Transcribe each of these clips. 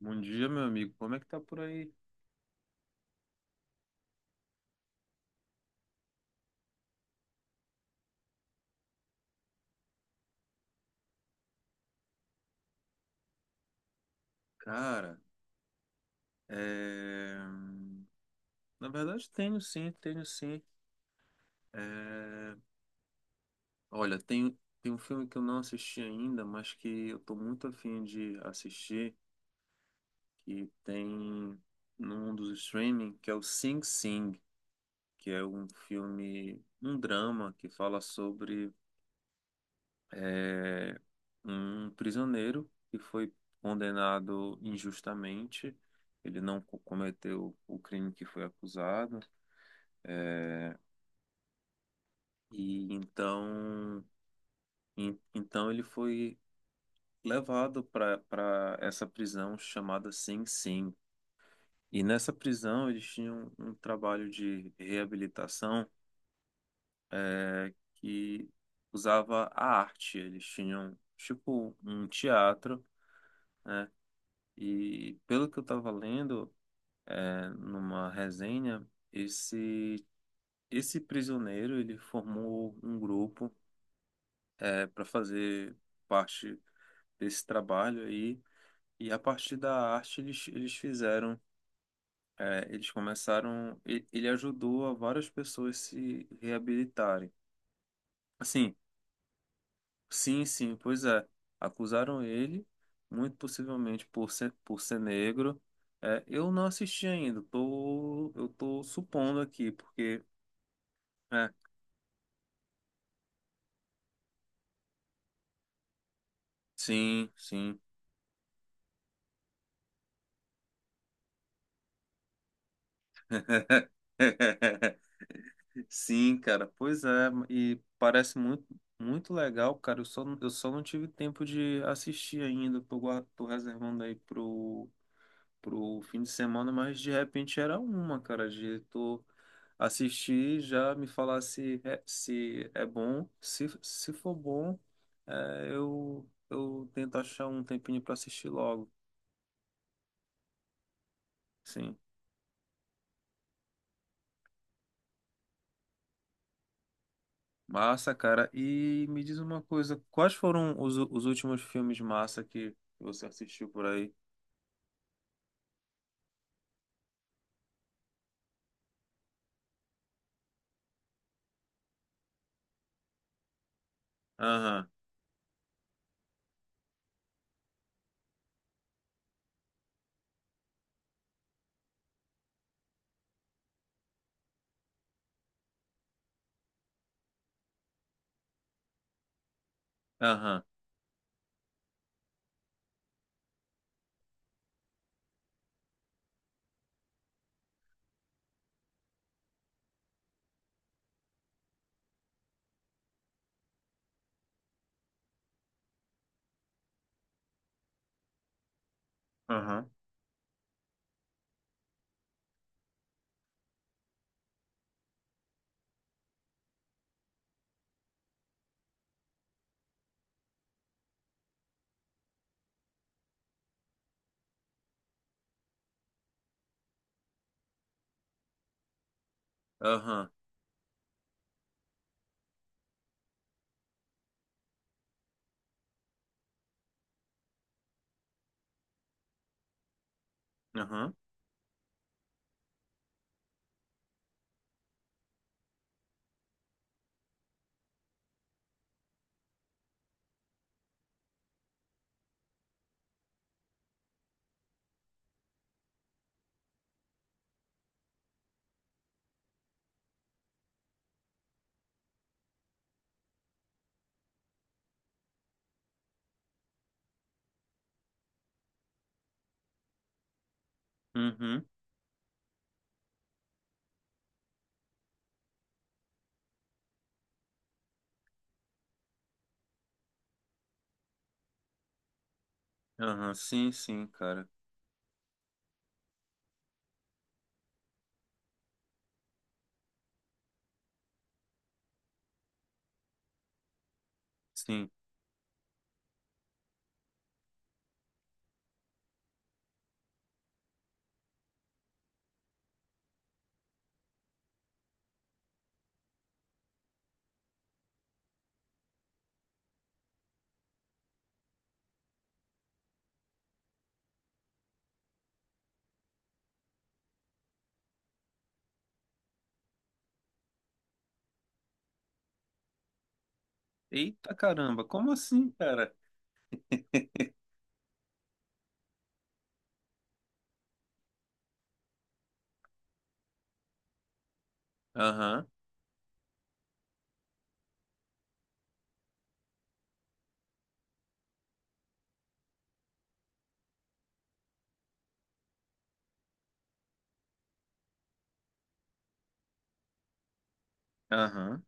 Bom dia, meu amigo. Como é que tá por aí? Cara, é... na verdade tenho sim, tenho sim. É... Olha, tem um filme que eu não assisti ainda, mas que eu tô muito afim de assistir, que tem num dos streaming, que é o Sing Sing, que é um filme, um drama que fala sobre é, um prisioneiro que foi condenado injustamente. Ele não co- cometeu o crime que foi acusado. é, e então, então ele foi levado para essa prisão chamada Sing Sing. E nessa prisão eles tinham um trabalho de reabilitação, que usava a arte. Eles tinham tipo um teatro. E pelo que eu estava lendo, numa resenha, esse esse prisioneiro, ele formou um grupo, para fazer parte desse trabalho aí, e a partir da arte eles fizeram, eles começaram, ele ajudou a várias pessoas se reabilitarem. Assim, sim, sim, pois é, acusaram ele, muito possivelmente por ser negro. É, eu não assisti ainda, tô, eu tô supondo aqui, porque... é, sim, sim. Sim, cara. Pois é, e parece muito, muito legal, cara. Eu só não tive tempo de assistir ainda. Tô reservando aí pro fim de semana, mas de repente era uma, cara, de tu assistir, já me falar se é, se é bom. Se for bom, eu tento achar um tempinho pra assistir logo. Sim. Massa, cara. E me diz uma coisa, quais foram os últimos filmes massa que você assistiu por aí? Aham, aham, aham, aham, aham, uhum, aham, sim, sim, cara, sim. Eita caramba, como assim, cara? Aham, aham,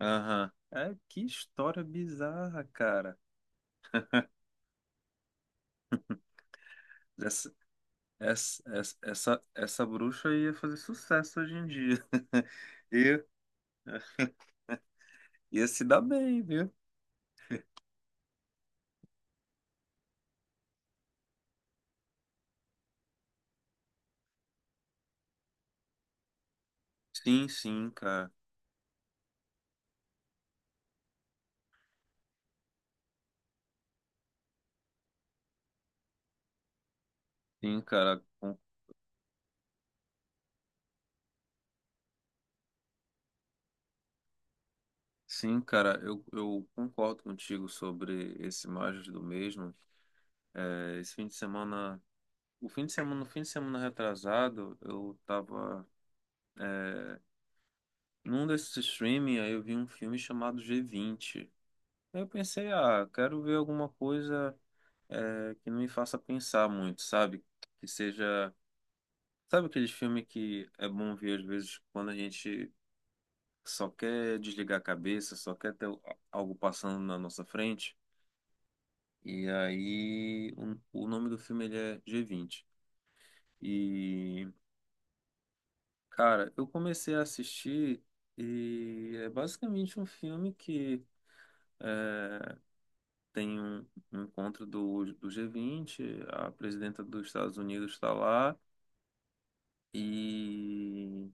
aham. É, que história bizarra, cara. Essa, essa bruxa ia fazer sucesso hoje em dia. E ia se dar bem, viu? Sim, sim, cara. Sim, cara, con- sim, cara, eu concordo contigo sobre esse Imagens do Mesmo. É, esse fim de semana, o fim de semana, no fim de semana retrasado, eu tava, é, num desses streaming, aí eu vi um filme chamado G20. Aí eu pensei, ah, quero ver alguma coisa, que não me faça pensar muito, sabe? Que seja, sabe aqueles filmes que é bom ver às vezes quando a gente só quer desligar a cabeça, só quer ter algo passando na nossa frente? E aí, o nome do filme ele é G20. E, cara, eu comecei a assistir e é basicamente um filme que, é, tem um encontro do G20, a presidenta dos Estados Unidos está lá e,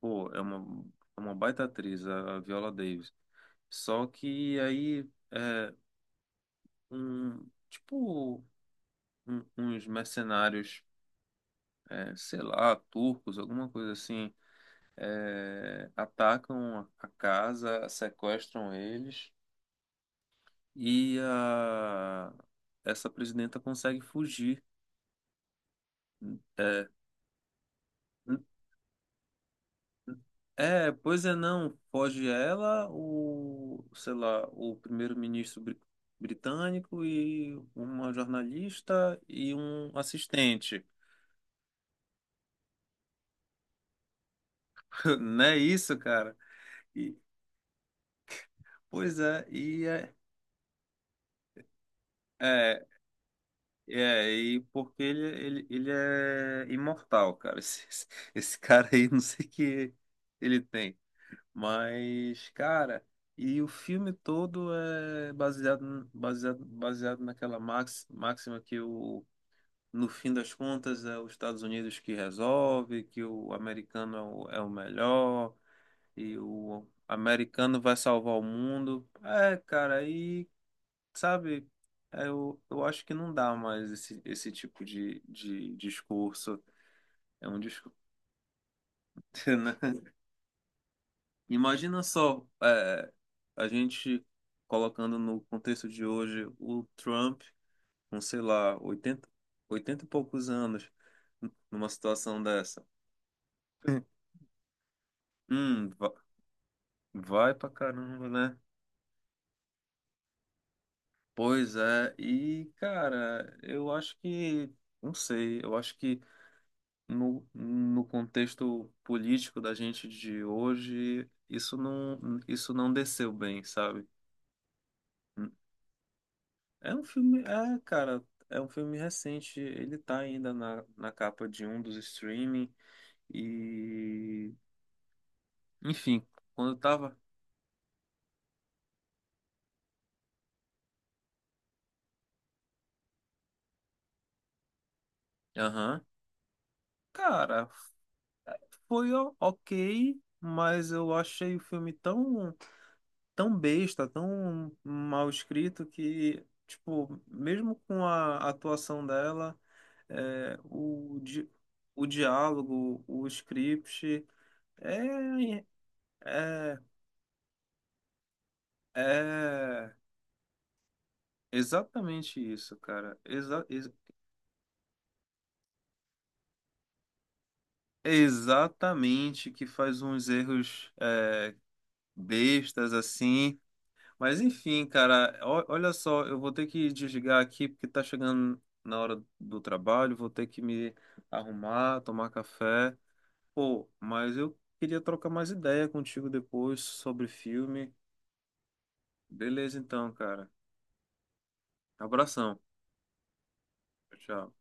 pô, é uma baita atriz, a Viola Davis. Só que aí, um, tipo, uns mercenários, sei lá, turcos, alguma coisa assim, atacam a casa, sequestram eles e essa presidenta consegue fugir. É, é, pois é, não, foge ela, o, sei lá, britânico e uma jornalista e um assistente. Não é isso, cara? E, pois é, e é. É, é, e porque ele é imortal, cara. Esse cara aí, não sei o que ele tem. Mas, cara, e o filme todo é baseado, baseado, baseado máxima que o, no fim das contas é os Estados Unidos que resolve, que o americano é o, é o melhor, e o americano vai salvar o mundo. É, cara, aí sabe, eu acho que não dá mais esse tipo de discurso. É um discurso. Imagina só, a gente colocando no contexto de hoje o Trump com, sei lá, 80 e poucos anos numa situação dessa. Hum, va- vai pra caramba, né? Pois é, e cara, eu acho que, não sei, eu acho que no contexto político da gente de hoje, isso não, isso não desceu bem, sabe? É um filme, é, cara, é um filme recente, ele tá ainda na capa de um dos streaming e, enfim, quando eu tava, aham, cara, ok, mas eu achei o filme tão, tão besta, tão mal escrito que, tipo, mesmo com a atuação dela, é, o, di, o diálogo, o script, é, é, é exatamente isso, cara. É exatamente que faz uns erros, bestas assim. Mas enfim, cara, olha só, eu vou ter que desligar aqui porque tá chegando na hora do trabalho, vou ter que me arrumar, tomar café. Pô, mas eu queria trocar mais ideia contigo depois sobre filme. Beleza, então, cara. Abração. Tchau.